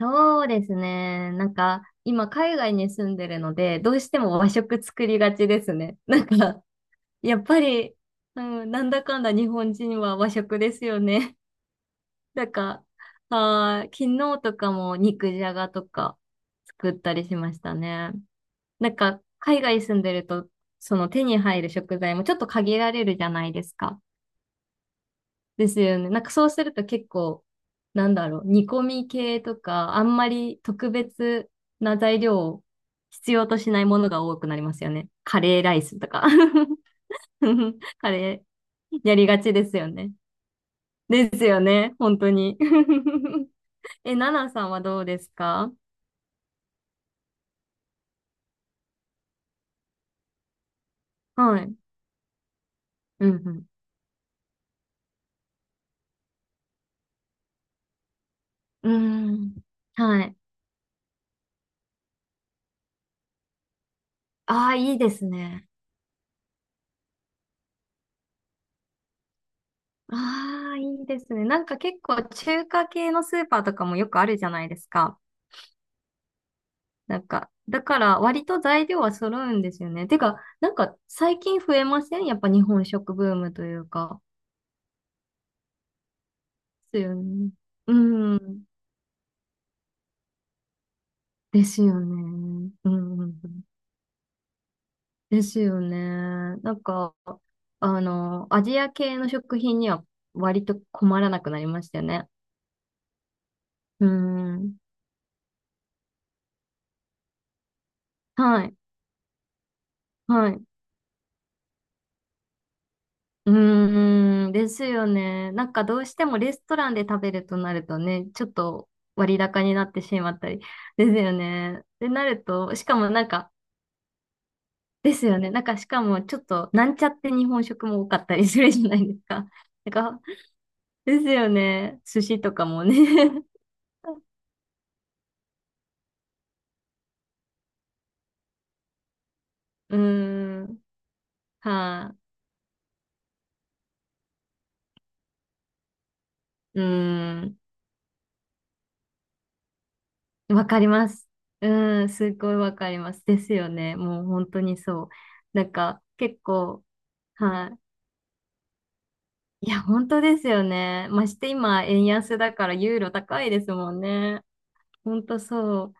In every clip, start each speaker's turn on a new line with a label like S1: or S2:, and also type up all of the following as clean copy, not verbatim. S1: そうですね。なんか、今、海外に住んでるので、どうしても和食作りがちですね。なんか、やっぱり、うん、なんだかんだ日本人は和食ですよね。なんか、昨日とかも肉じゃがとか作ったりしましたね。なんか、海外住んでると、その手に入る食材もちょっと限られるじゃないですか。ですよね。なんかそうすると結構、なんだろう、煮込み系とか、あんまり特別な材料を必要としないものが多くなりますよね。カレーライスとか。カレーやりがちですよね。ですよね、本当に。え、ナナさんはどうですか？はい。うんうん。うーん。はい。ああ、いいですね。ああ、いいですね。なんか結構中華系のスーパーとかもよくあるじゃないですか。なんか、だから割と材料は揃うんですよね。てか、なんか最近増えませんやっぱ日本食ブームというか。ですよね。うん。ですよね。うんうんうん。ですよね。なんか、あの、アジア系の食品には割と困らなくなりましたよね。うん。はい。はい。うーん、ですよね。なんかどうしてもレストランで食べるとなるとね、ちょっと割高になってしまったり、ですよね。ってなると、しかもなんか、ですよね。なんかしかもちょっとなんちゃって日本食も多かったりするじゃないですか。なんか、ですよね。寿司とかもね。うーん、はい、うーん、わかります。うーん、すごいわかります。ですよね。もう本当にそう。なんか結構、はい、いや、本当ですよね。まして今、円安だからユーロ高いですもんね。本当そう。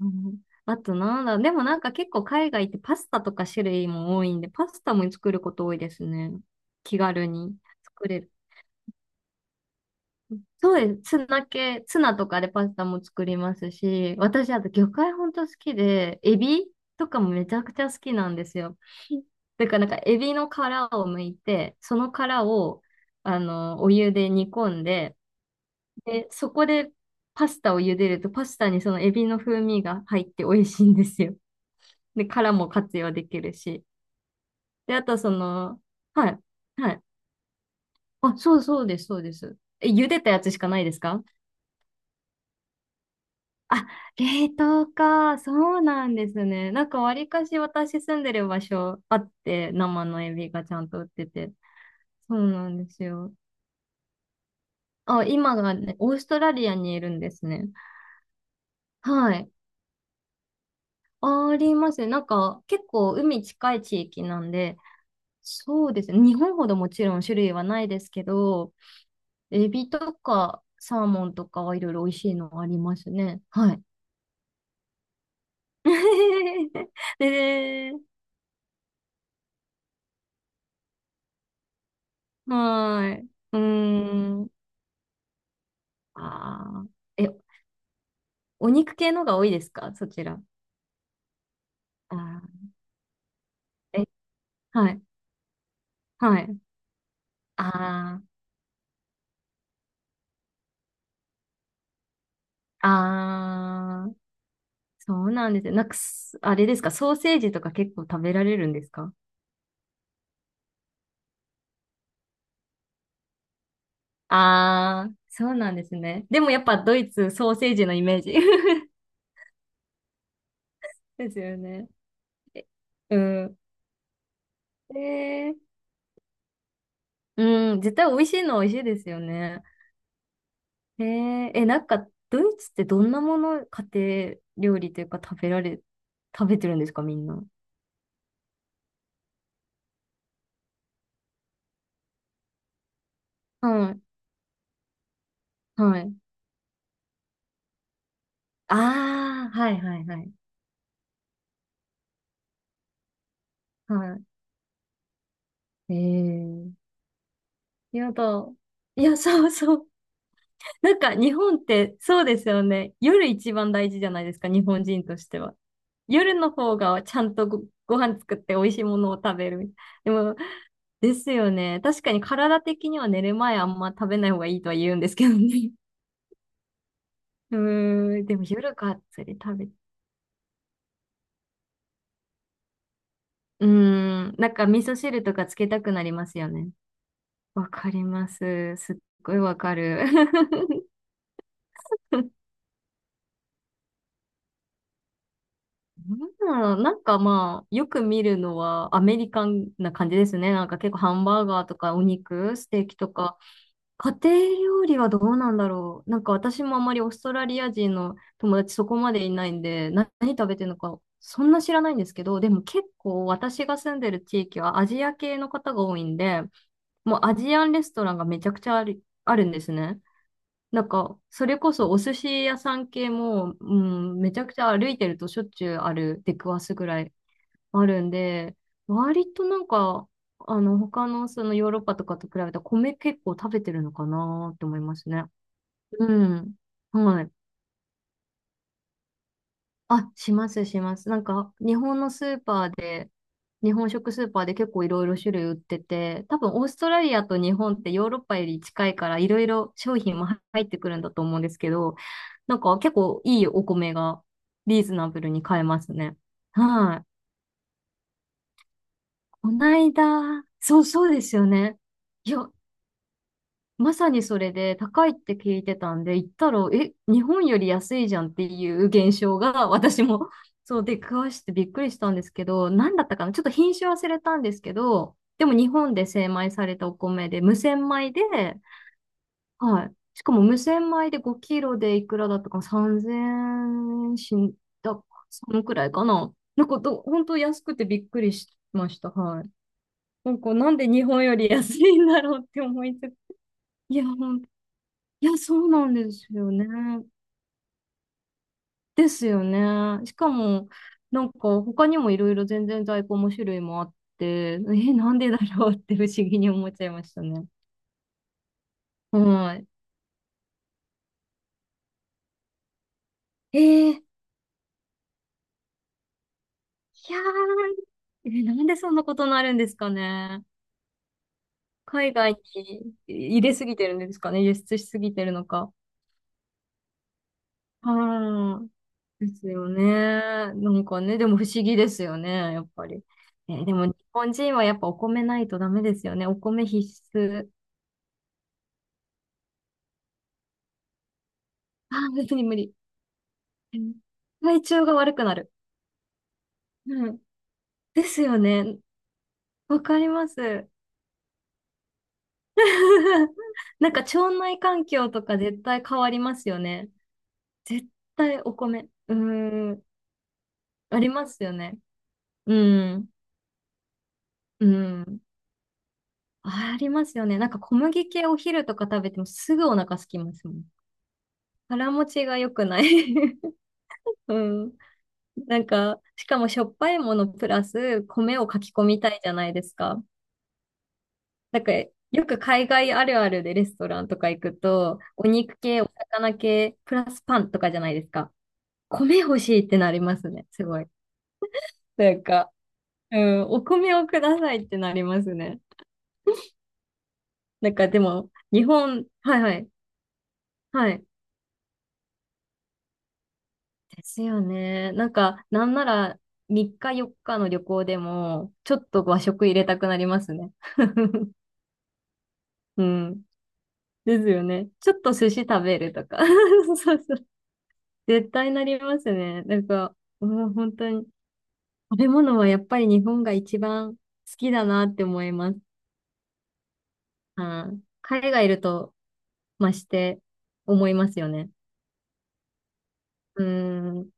S1: うん、あとなんだ、でもなんか結構海外ってパスタとか種類も多いんで、パスタも作ること多いですね。気軽に作れる。そうです。ツナとかでパスタも作りますし、私あと魚介本当好きで、エビとかもめちゃくちゃ好きなんですよ。だからなんかエビの殻を剥いて、その殻をあの、お湯で煮込んで、で、そこでパスタを茹でると、パスタにそのエビの風味が入って美味しいんですよ。で、殻も活用できるし。で、あとその、はい、はい。あ、そうそうです、そうです。え、茹でたやつしかないですか？あ、冷凍か。そうなんですね。なんかわりかし私住んでる場所あって、生のエビがちゃんと売ってて。そうなんですよ。あ、今がね、オーストラリアにいるんですね。はい。ありますね。なんか結構海近い地域なんで、そうですね。日本ほどもちろん種類はないですけど、エビとかサーモンとかはいろいろ美味しいのありますね。はい。で、はい。うーん。あーえ、お肉系のが多いですかそちら？あーえ、はい。はい。ああ、ああ、そうなんですよ。なんかす、あれですか、ソーセージとか結構食べられるんですか？ああー、そうなんですね。でもやっぱドイツソーセージのイメージ。ですよね。え、うん。えー、うん、絶対美味しいのは美味しいですよね。えー、え、なんか、ドイツってどんなもの、家庭料理というか食べてるんですか、みんな？はい、はい。ああ、はい、はい、はい。はい。えー、やだ。いや、そうそう。なんか、日本ってそうですよね。夜一番大事じゃないですか、日本人としては。夜の方がちゃんとご飯作って美味しいものを食べる。でも、ですよね。確かに体的には寝る前あんま食べない方がいいとは言うんですけどね。うーん、でも夜がっつり食べ、うーん、なんか味噌汁とかつけたくなりますよね。わかります。すっごいわかる。うん、なんかまあ、よく見るのはアメリカンな感じですね。なんか結構ハンバーガーとかお肉、ステーキとか、家庭料理はどうなんだろう。なんか私もあまりオーストラリア人の友達そこまでいないんで、何食べてるのかそんな知らないんですけど、でも結構私が住んでる地域はアジア系の方が多いんで、もうアジアンレストランがめちゃくちゃある、あるんですね。なんか、それこそお寿司屋さん系も、うん、めちゃくちゃ歩いてるとしょっちゅうある、出くわすぐらいあるんで、割となんか、あの、他のそのヨーロッパとかと比べたら米結構食べてるのかなって思いますね。うん。はい。あ、しますします。なんか、日本のスーパーで、日本食スーパーで結構いろいろ種類売ってて、多分オーストラリアと日本ってヨーロッパより近いからいろいろ商品も入ってくるんだと思うんですけど、なんか結構いいお米がリーズナブルに買えますね。はい。こないだ、そうそうですよね。いや、まさにそれで高いって聞いてたんで、行ったら、え、日本より安いじゃんっていう現象が私も そう出くわしてびっくりしたんですけど、何だったかなちょっと品種忘れたんですけど、でも日本で精米されたお米で、無洗米で、はい。しかも無洗米で5キロでいくらだったかな？ 3,000 円しんだ、そのくらいかななんかど、本当安くてびっくりしました。はい。なんか、なんで日本より安いんだろうって思いつつ、いや、本いや、そうなんですよね。ですよね。しかも、なんか他にもいろいろ全然在庫も種類もあって、え、なんでだろうって不思議に思っちゃいましたね。はい。えー、いやー、え、なんでそんなことになるんですかね。海外に入れすぎてるんですかね。輸出しすぎてるのか。はい。ですよね。なんかね、でも不思議ですよね、やっぱり。え、でも日本人はやっぱお米ないとダメですよね。お米必須。ああ、無理無理。うん、体調が悪くなる。うん。ですよね。わかります。なんか腸内環境とか絶対変わりますよね。絶対お米。うーん。ありますよね。うん。うん。ありますよね。なんか小麦系お昼とか食べてもすぐお腹すきますもん。腹持ちが良くない。 うん。なんか、しかもしょっぱいものプラス米をかき込みたいじゃないですか。なんか、よく海外あるあるでレストランとか行くと、お肉系、お魚系、プラスパンとかじゃないですか。米欲しいってなりますね、すごい。なんか、うん、お米をくださいってなりますね。なんかでも、日本、はいはい、はい。ですよね。なんか、なんなら3日4日の旅行でも、ちょっと和食入れたくなりますね。うん。ですよね。ちょっと寿司食べるとか。そうそう、絶対なりますね。なんか、うん、本当に、食べ物はやっぱり日本が一番好きだなって思います。あー、海外いると増して思いますよね。うん。